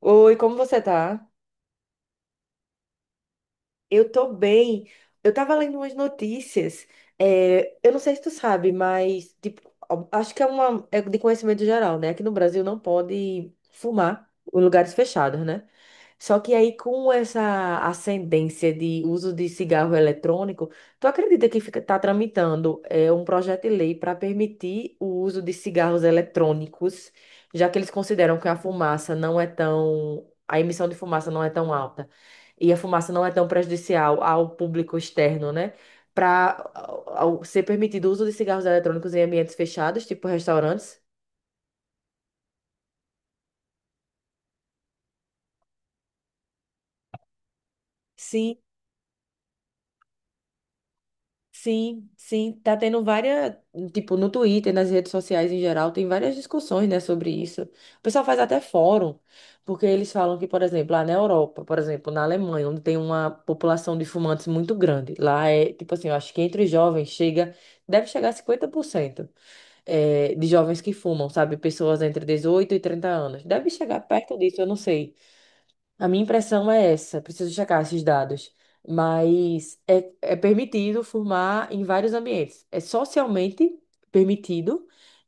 Oi, como você tá? Eu tô bem. Eu tava lendo umas notícias. É, eu não sei se tu sabe, mas tipo, ó, acho que é uma é de conhecimento geral, né? Aqui no Brasil não pode fumar em lugares fechados, né? Só que aí com essa ascendência de uso de cigarro eletrônico, tu acredita que fica, tá tramitando um projeto de lei para permitir o uso de cigarros eletrônicos, já que eles consideram que a fumaça não é tão a emissão de fumaça não é tão alta e a fumaça não é tão prejudicial ao público externo, né? Para ser permitido o uso de cigarros eletrônicos em ambientes fechados, tipo restaurantes. Sim, sim, sim. Tá tendo várias, tipo, no Twitter, nas redes sociais em geral, tem várias discussões, né, sobre isso. O pessoal faz até fórum, porque eles falam que, por exemplo, lá na Europa, por exemplo, na Alemanha, onde tem uma população de fumantes muito grande, lá é, tipo assim, eu acho que entre os jovens chega, deve chegar a 50%. É, de jovens que fumam, sabe? Pessoas entre 18 e 30 anos. Deve chegar perto disso, eu não sei. A minha impressão é essa, preciso checar esses dados, mas é permitido fumar em vários ambientes. É socialmente permitido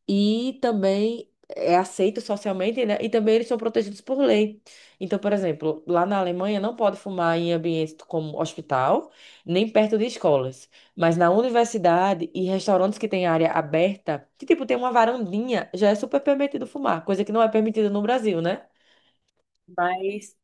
e também é aceito socialmente, né? E também eles são protegidos por lei. Então, por exemplo, lá na Alemanha não pode fumar em ambientes como hospital, nem perto de escolas, mas na universidade e restaurantes que têm área aberta, que tipo tem uma varandinha, já é super permitido fumar, coisa que não é permitida no Brasil, né? Mas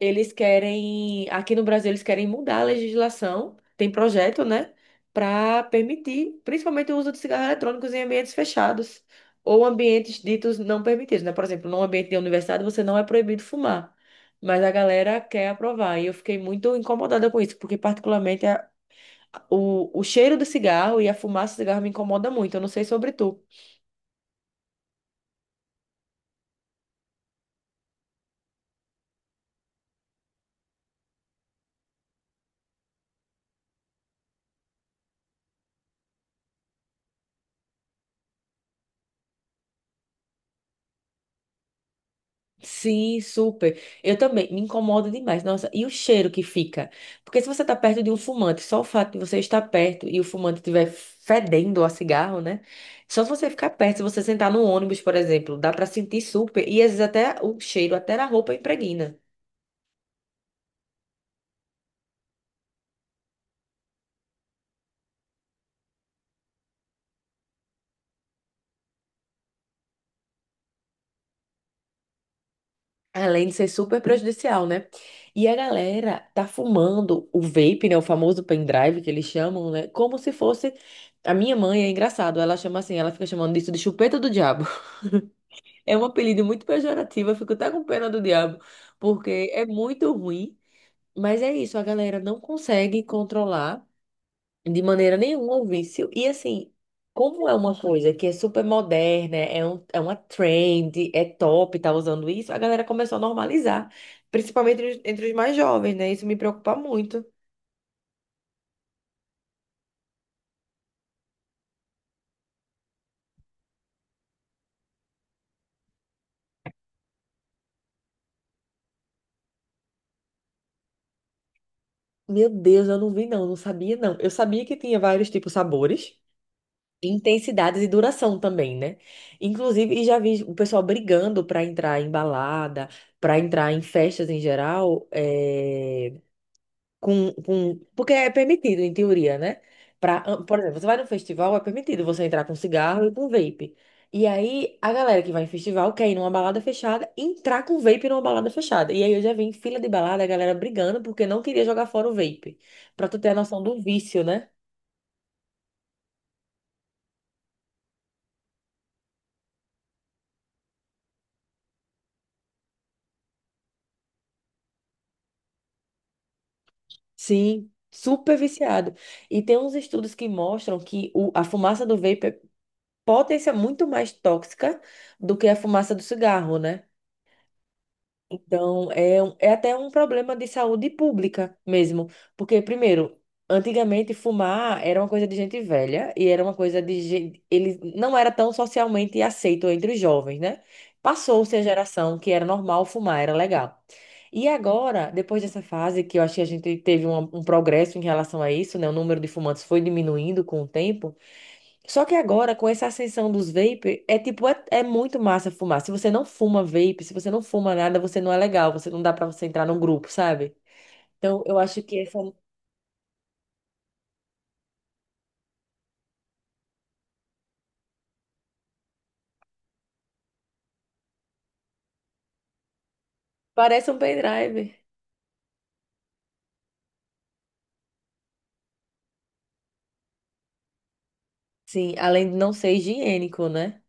eles querem, aqui no Brasil, eles querem mudar a legislação, tem projeto, né, para permitir, principalmente o uso de cigarros eletrônicos em ambientes fechados ou ambientes ditos não permitidos, né? Por exemplo, num ambiente de universidade você não é proibido fumar, mas a galera quer aprovar. E eu fiquei muito incomodada com isso, porque particularmente o cheiro do cigarro e a fumaça do cigarro me incomoda muito. Eu não sei sobre tu. Sim, super. Eu também me incomoda demais. Nossa, e o cheiro que fica? Porque se você tá perto de um fumante, só o fato de você estar perto e o fumante estiver fedendo a cigarro, né? Só se você ficar perto, se você sentar no ônibus, por exemplo, dá pra sentir super e às vezes até o cheiro, até na roupa impregna. Além de ser super prejudicial, né? E a galera tá fumando o vape, né? O famoso pendrive que eles chamam, né? Como se fosse. A minha mãe é engraçado, ela chama assim, ela fica chamando disso de chupeta do diabo. É um apelido muito pejorativo, eu fico até com pena do diabo, porque é muito ruim, mas é isso, a galera não consegue controlar de maneira nenhuma o vício. E assim, como é uma coisa que é super moderna, é uma trend, é top, tá usando isso, a galera começou a normalizar, principalmente entre os mais jovens, né? Isso me preocupa muito. Meu Deus, eu não vi não, não sabia não. Eu sabia que tinha vários tipos de sabores. Intensidades e duração também, né? Inclusive, e já vi o pessoal brigando para entrar em balada, para entrar em festas em geral, é, porque é permitido, em teoria, né? Pra, por exemplo, você vai num festival, é permitido você entrar com cigarro e com vape. E aí, a galera que vai em festival quer ir numa balada fechada, entrar com vape numa balada fechada. E aí, eu já vi em fila de balada a galera brigando porque não queria jogar fora o vape. Pra tu ter a noção do vício, né? Sim, super viciado. E tem uns estudos que mostram que o, a fumaça do vapor pode ser muito mais tóxica do que a fumaça do cigarro, né? Então, é até um problema de saúde pública mesmo. Porque, primeiro, antigamente fumar era uma coisa de gente velha e era uma coisa de gente. Ele não era tão socialmente aceito entre os jovens, né? Passou-se a geração que era normal fumar, era legal. E agora, depois dessa fase, que eu acho que a gente teve um progresso em relação a isso, né? O número de fumantes foi diminuindo com o tempo. Só que agora, com essa ascensão dos vape, é tipo, é muito massa fumar. Se você não fuma vape, se você não fuma nada, você não é legal, você não dá pra você entrar num grupo, sabe? Então, eu acho que essa parece um pendrive. Sim, além de não ser higiênico, né?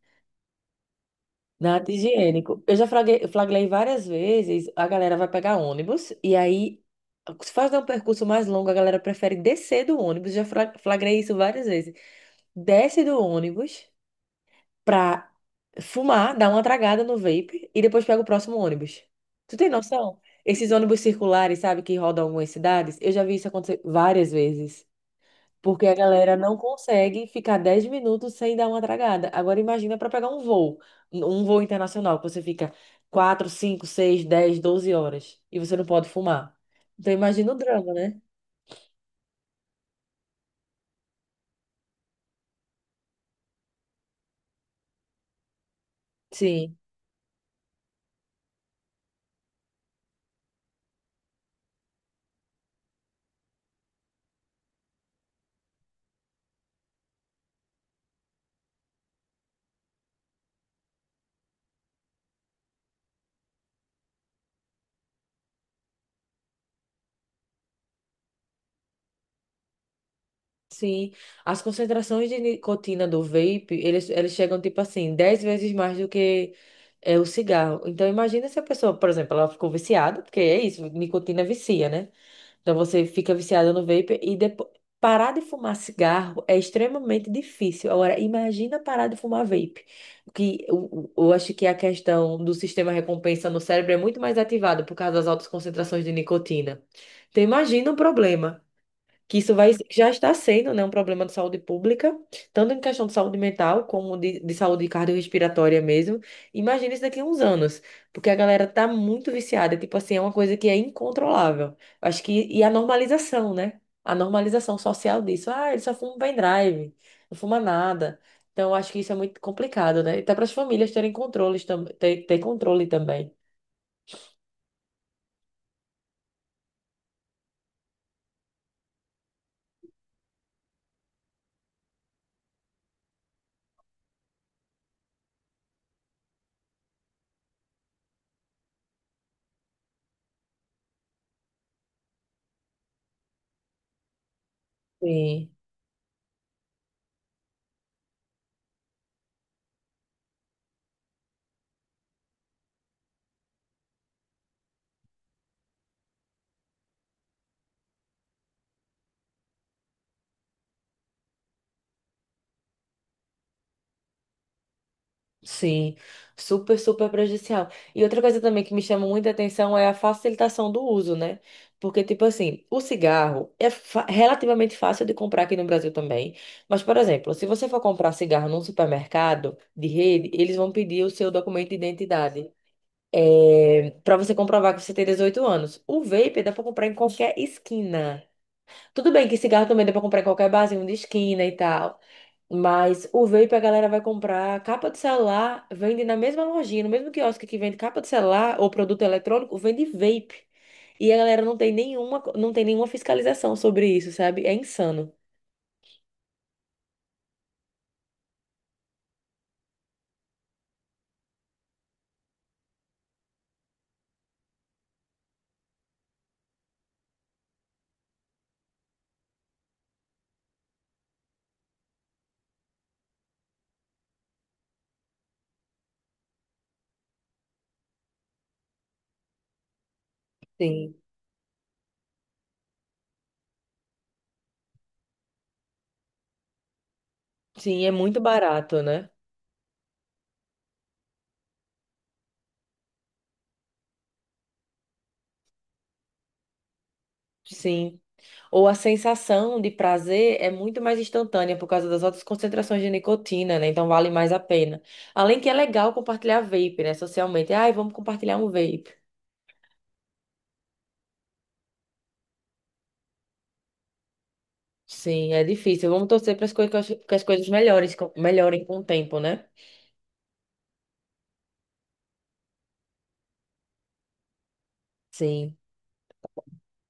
Nada higiênico. Eu já flagrei, flagrei várias vezes, a galera vai pegar ônibus, e aí, se faz um percurso mais longo, a galera prefere descer do ônibus. Já flagrei isso várias vezes. Desce do ônibus pra fumar, dar uma tragada no vape e depois pega o próximo ônibus. Tu tem noção? Esses ônibus circulares, sabe, que rodam algumas cidades, eu já vi isso acontecer várias vezes. Porque a galera não consegue ficar 10 minutos sem dar uma tragada. Agora imagina para pegar um voo internacional, que você fica 4 5 6 10 12 horas e você não pode fumar. Então imagina o drama, né? Sim. Sim, as concentrações de nicotina do vape, eles chegam, tipo assim, 10 vezes mais do que é, o cigarro. Então, imagina se a pessoa, por exemplo, ela ficou viciada, porque é isso, nicotina vicia, né? Então, você fica viciada no vape e depois... Parar de fumar cigarro é extremamente difícil. Agora, imagina parar de fumar vape. Que eu acho que a questão do sistema recompensa no cérebro é muito mais ativado por causa das altas concentrações de nicotina. Então, imagina o problema que isso vai, que já está sendo, né, um problema de saúde pública, tanto em questão de saúde mental como de saúde cardiorrespiratória mesmo. Imagina isso daqui a uns anos, porque a galera tá muito viciada, tipo assim, é uma coisa que é incontrolável. Acho que, e a normalização, né? A normalização social disso. Ah, ele só fuma um pendrive, não fuma nada. Então, eu acho que isso é muito complicado, né? E até para as famílias terem controle ter controle também. Sim. Sim, super, super prejudicial. E outra coisa também que me chama muita atenção é a facilitação do uso, né? Porque, tipo assim, o cigarro é relativamente fácil de comprar aqui no Brasil também. Mas, por exemplo, se você for comprar cigarro num supermercado de rede, eles vão pedir o seu documento de identidade. É, para você comprovar que você tem 18 anos. O vape dá pra comprar em qualquer esquina. Tudo bem que cigarro também dá pra comprar em qualquer barzinho de esquina e tal. Mas o vape a galera vai comprar capa de celular, vende na mesma lojinha, no mesmo quiosque que vende capa de celular ou produto eletrônico, vende vape. E a galera não tem nenhuma, não tem nenhuma fiscalização sobre isso, sabe? É insano. Sim. Sim, é muito barato, né? Sim. Ou a sensação de prazer é muito mais instantânea por causa das altas concentrações de nicotina, né? Então vale mais a pena. Além que é legal compartilhar vape, né? Socialmente. Ai, vamos compartilhar um vape. Sim, é difícil. Vamos torcer para as coisas, que as coisas melhores, melhorem com o tempo, né? Sim.